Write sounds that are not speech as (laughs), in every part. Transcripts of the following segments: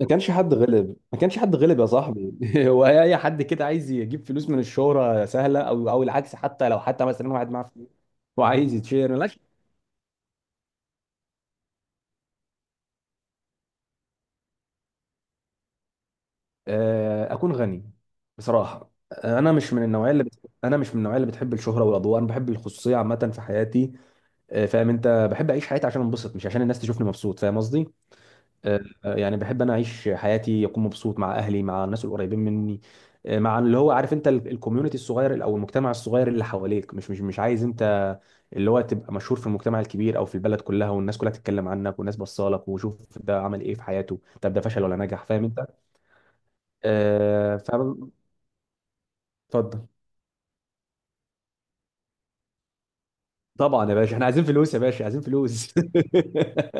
ما كانش حد غلب، ما كانش حد غلب يا صاحبي. (laughs) هو اي حد كده عايز يجيب فلوس من الشهرة سهلة او العكس، حتى لو مثلا واحد معاه فلوس وعايز يتشير، ملاش. اكون غني بصراحة. انا مش من النوعية اللي بتحب الشهرة والاضواء، انا بحب الخصوصية عامة في حياتي. فاهم انت، بحب اعيش حياتي عشان انبسط مش عشان الناس تشوفني مبسوط، فاهم قصدي؟ يعني بحب انا اعيش حياتي، اكون مبسوط مع اهلي، مع الناس القريبين مني. مع اللي هو عارف انت، الكوميونتي الصغير او المجتمع الصغير اللي حواليك، مش عايز انت اللي هو تبقى مشهور في المجتمع الكبير او في البلد كلها، والناس كلها تتكلم عنك والناس بصالك وشوف ده عمل ايه في حياته، طب ده فشل ولا نجح؟ فاهم انت؟ فاهم. اتفضل. طبعا يا باشا، احنا عايزين فلوس يا باشا، عايزين فلوس. (laughs)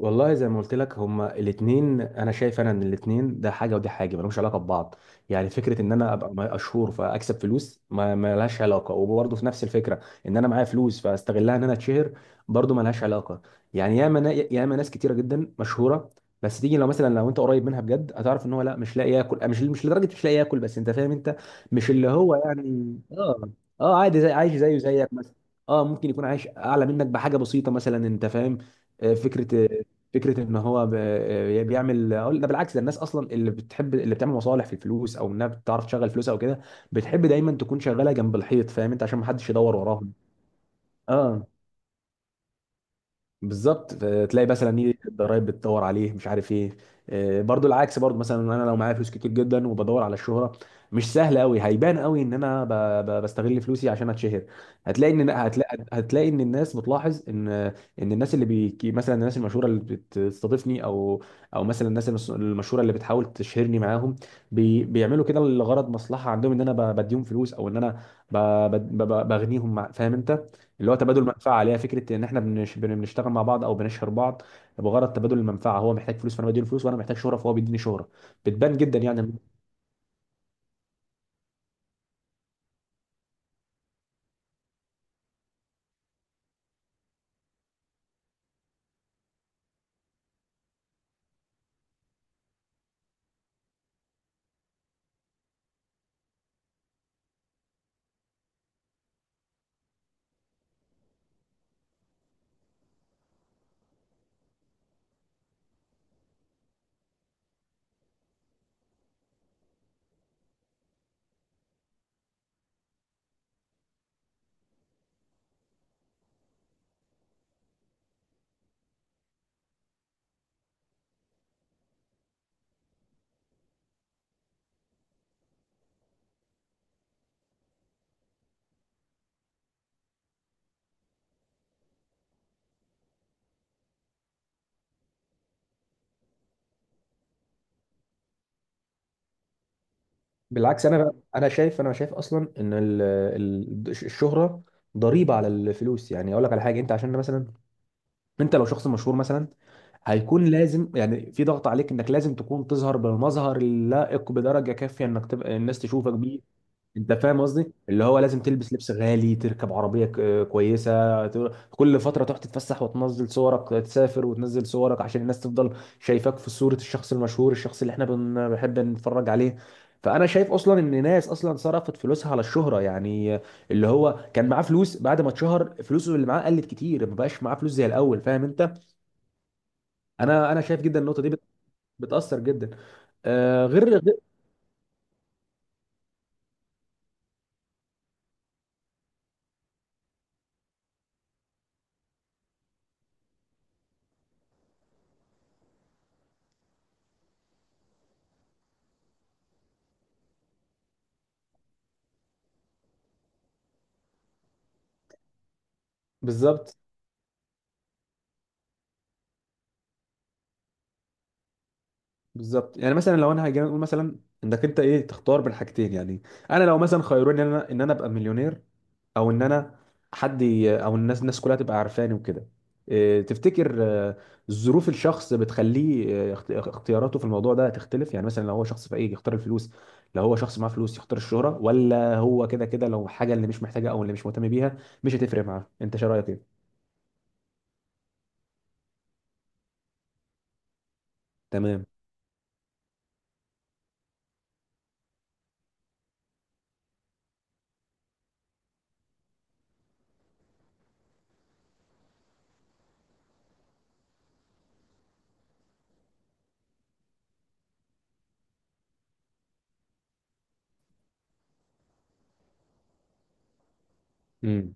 والله زي ما قلت لك، هما الاثنين، انا شايف ان الاثنين ده حاجه ودي حاجه، ملهمش علاقه ببعض. يعني فكره ان انا ابقى مشهور فاكسب فلوس ما لهاش علاقه، وبرضه في نفس الفكره، ان انا معايا فلوس فاستغلها ان انا اتشهر، برضه ما لهاش علاقه. يعني ياما ناس كتيره جدا مشهوره، بس تيجي لو مثلا لو انت قريب منها بجد هتعرف ان هو، لا، مش لاقي ياكل، مش لدرجه مش لاقي ياكل، بس انت فاهم انت. مش اللي هو يعني اه عادي، زي عايش زيه زيك مثلا. اه، ممكن يكون عايش اعلى منك بحاجه بسيطه مثلا، انت فاهم. آه، فكره فكره ان هو بيعمل، أقول ده بالعكس، ده الناس اصلا اللي بتحب، اللي بتعمل مصالح في الفلوس او انها بتعرف تشغل فلوسها او كده، بتحب دايما تكون شغاله جنب الحيط، فاهم انت، عشان ما حدش يدور وراهم. اه، بالظبط. تلاقي مثلا، ايه، الضرايب بتدور عليه، مش عارف ايه. برضو العكس، برضو مثلا انا لو معايا فلوس كتير جدا وبدور على الشهره، مش سهل قوي، هيبان قوي ان انا بستغل فلوسي عشان اتشهر. هتلاقي ان الناس بتلاحظ ان مثلا الناس المشهوره اللي بتستضيفني او مثلا الناس المشهوره اللي بتحاول تشهرني معاهم، بيعملوا كده لغرض مصلحه عندهم، ان انا بديهم فلوس او ان انا ب... بغنيهم مع... فاهم انت، اللي هو تبادل منفعه، عليها فكره ان احنا بنشتغل مع بعض او بنشهر بعض بغرض تبادل المنفعه. هو محتاج فلوس فانا بديله فلوس، وانا محتاج شهره فهو بيديني شهره. بتبان جدا يعني. بالعكس انا بقى انا شايف اصلا ان الشهره ضريبه على الفلوس. يعني اقول لك على حاجه، انت عشان مثلا انت لو شخص مشهور مثلا، هيكون لازم يعني في ضغط عليك انك لازم تكون تظهر بالمظهر اللائق بدرجه كافيه، انك تبقى الناس تشوفك بيه. انت فاهم قصدي؟ اللي هو لازم تلبس لبس غالي، تركب عربيه كويسه، كل فتره تروح تتفسح وتنزل صورك، تسافر وتنزل صورك عشان الناس تفضل شايفاك في صوره الشخص المشهور، الشخص اللي احنا بنحب نتفرج عليه. فانا شايف اصلا ان ناس اصلا صرفت فلوسها على الشهره. يعني اللي هو كان معاه فلوس، بعد ما اتشهر فلوسه اللي معاه قلت كتير، ما بقاش معاه فلوس زي الاول، فاهم انت. انا شايف جدا النقطه دي بتاثر جدا. آه غير غير- بالظبط بالظبط، يعني مثلا لو انا هاجي اقول مثلا، انك انت، ايه، تختار بين حاجتين يعني. انا لو مثلا خيروني، ان انا ابقى مليونير، او ان انا حد ي- او الناس كلها تبقى عارفاني وكده. إيه، تفتكر، ظروف الشخص بتخليه اختياراته في الموضوع ده تختلف؟ يعني مثلا لو هو شخص فقير يختار الفلوس، لو هو شخص معاه فلوس يختار الشهرة؟ ولا هو كده كده لو حاجة اللي مش محتاجها او اللي مش مهتم بيها مش هتفرق معاه؟ انت شو رأيك، ايه؟ تمام. امم.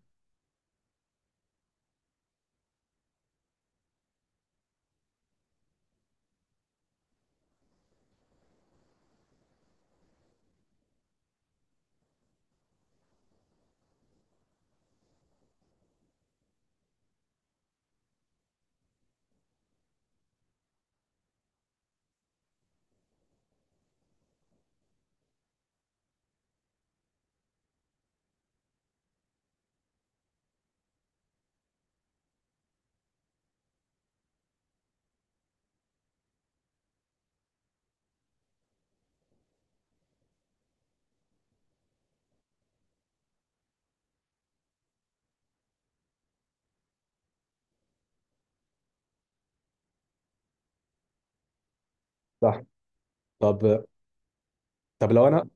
صح. طب طب لو انا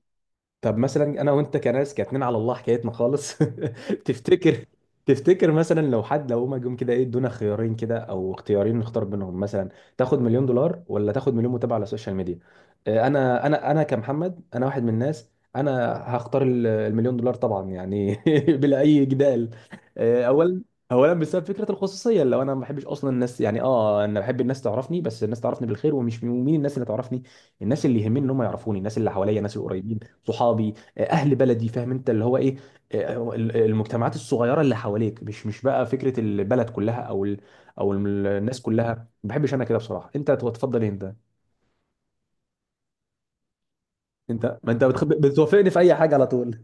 طب مثلا انا وانت كناس كاتنين على الله، حكايتنا خالص. (laughs) تفتكر تفتكر مثلا، لو هما جم كده، ايه، ادونا خيارين كده او اختيارين نختار بينهم مثلا، تاخد مليون دولار ولا تاخد مليون متابع على السوشيال ميديا؟ انا كمحمد، انا واحد من الناس، انا هختار المليون دولار طبعا يعني. (laughs) بلا اي جدال. آه، اولا اولا بسبب فكره الخصوصيه، لو انا ما بحبش اصلا الناس. يعني انا بحب الناس تعرفني، بس الناس تعرفني بالخير، ومين الناس اللي تعرفني، الناس اللي يهمني ان هم يعرفوني، الناس اللي حواليا، الناس القريبين، صحابي، اهل بلدي، فاهم انت اللي هو ايه. المجتمعات الصغيره اللي حواليك، مش بقى فكره البلد كلها، او الناس كلها. ما بحبش انا كده بصراحه. انت تفضل إيه انت؟ انت، ما انت بتوافقني في اي حاجه على طول.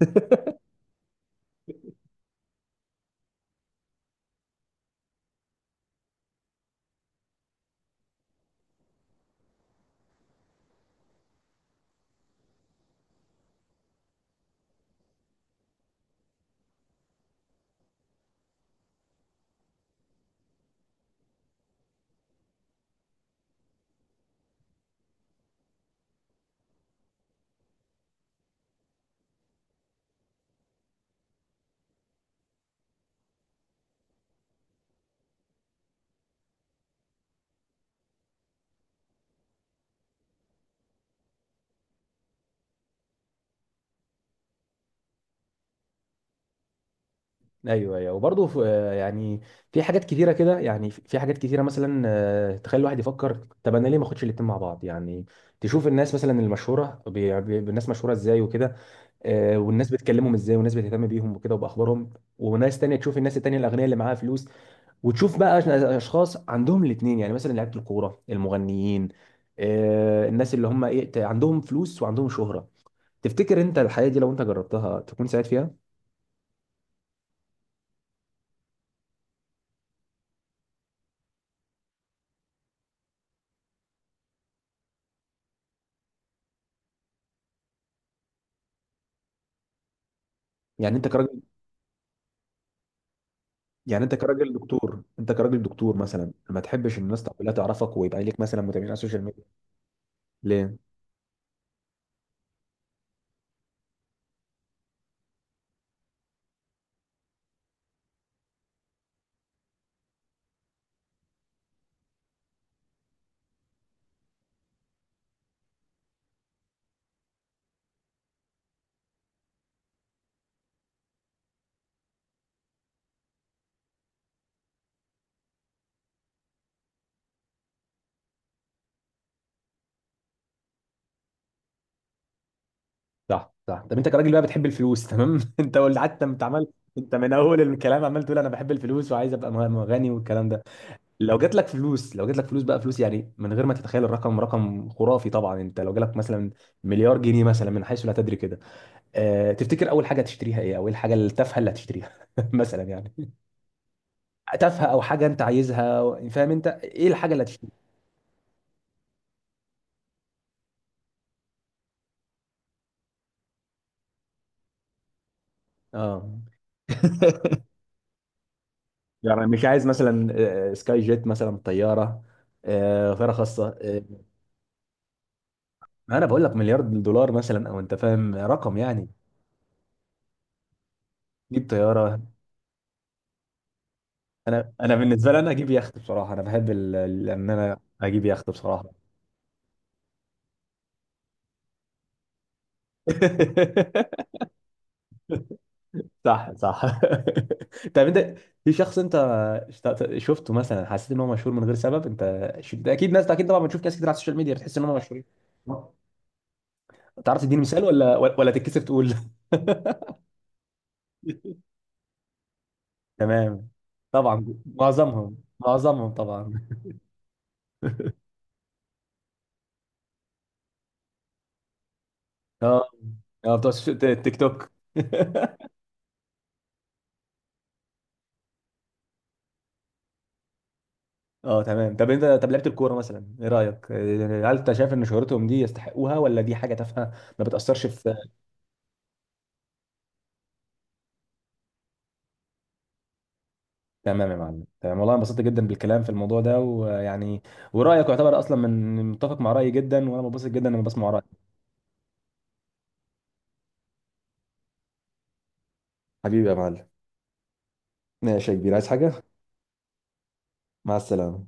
(laughs) ايوه، ايوه، وبرضه يعني في حاجات كتيره كده، يعني في حاجات كتيره مثلا، تخلي الواحد يفكر، طب انا ليه ما اخدش الاتنين مع بعض يعني. تشوف الناس مثلا المشهوره الناس مشهوره ازاي وكده، والناس بتكلمهم ازاي، والناس بتهتم بيهم وكده وباخبارهم. وناس تانية، تشوف الناس التانية الاغنياء اللي معاها فلوس، وتشوف بقى اشخاص عندهم الاثنين، يعني مثلا لعيبه الكوره، المغنيين، الناس اللي هم، ايه، عندهم فلوس وعندهم شهره. تفتكر انت الحياه دي لو انت جربتها تكون سعيد فيها؟ يعني انت كراجل انت كراجل دكتور مثلا، ما تحبش الناس كلها تعرفك ويبقى ليك مثلا متابعين على السوشيال ميديا؟ ليه؟ صح، صح. طب انت كراجل بقى بتحب الفلوس، تمام. (laughs) انت قلت حتى، انت عمال، انت من اول الكلام عمال تقول انا بحب الفلوس وعايز ابقى غني والكلام ده. لو جات لك فلوس بقى، فلوس يعني، من غير ما تتخيل الرقم، رقم خرافي طبعا، انت لو جالك مثلا مليار جنيه مثلا، من حيث لا تدري كده، اه، تفتكر اول حاجه تشتريها ايه، او ايه الحاجه التافهه اللي هتشتريها؟ (laughs) مثلا يعني، تافهه او حاجه انت عايزها، فاهم انت، ايه الحاجه اللي هتشتريها؟ اه. (laughs) يعني مش عايز مثلا سكاي جيت مثلا، طياره، طياره خاصه؟ ما انا بقول لك مليار دولار مثلا، او انت فاهم، رقم يعني. جيب طياره. انا بالنسبه لي، انا اجيب يخت بصراحه، انا بحب ان انا اجيب يخت بصراحه. (laughs) صح، صح. (laughs) طب انت، في شخص انت شفته مثلا حسيت ان هو مشهور من غير سبب؟ ده اكيد ناس، ده اكيد طبعا، بتشوف ناس كتير على السوشيال ميديا بتحس ان هم مشهورين. تعرف تديني مثال ولا تتكسف تقول؟ (laughs) تمام. طبعا معظمهم معظمهم طبعا. اه، اه، بتوع التيك توك. (laughs) اه، تمام. طب لعيبه الكوره مثلا، ايه رايك؟ هل انت شايف ان شهرتهم دي يستحقوها ولا دي حاجه تافهه؟ ما بتاثرش في؟ (laughs) تمام يا معلم، تمام. والله انبسطت جدا بالكلام في الموضوع ده، ويعني، ورايك يعتبر اصلا من متفق مع رايي جدا، وانا مبسوط جدا لما بسمع رايك. حبيبي يا معلم. ماشي يا كبير، عايز حاجة؟ مع السلامة.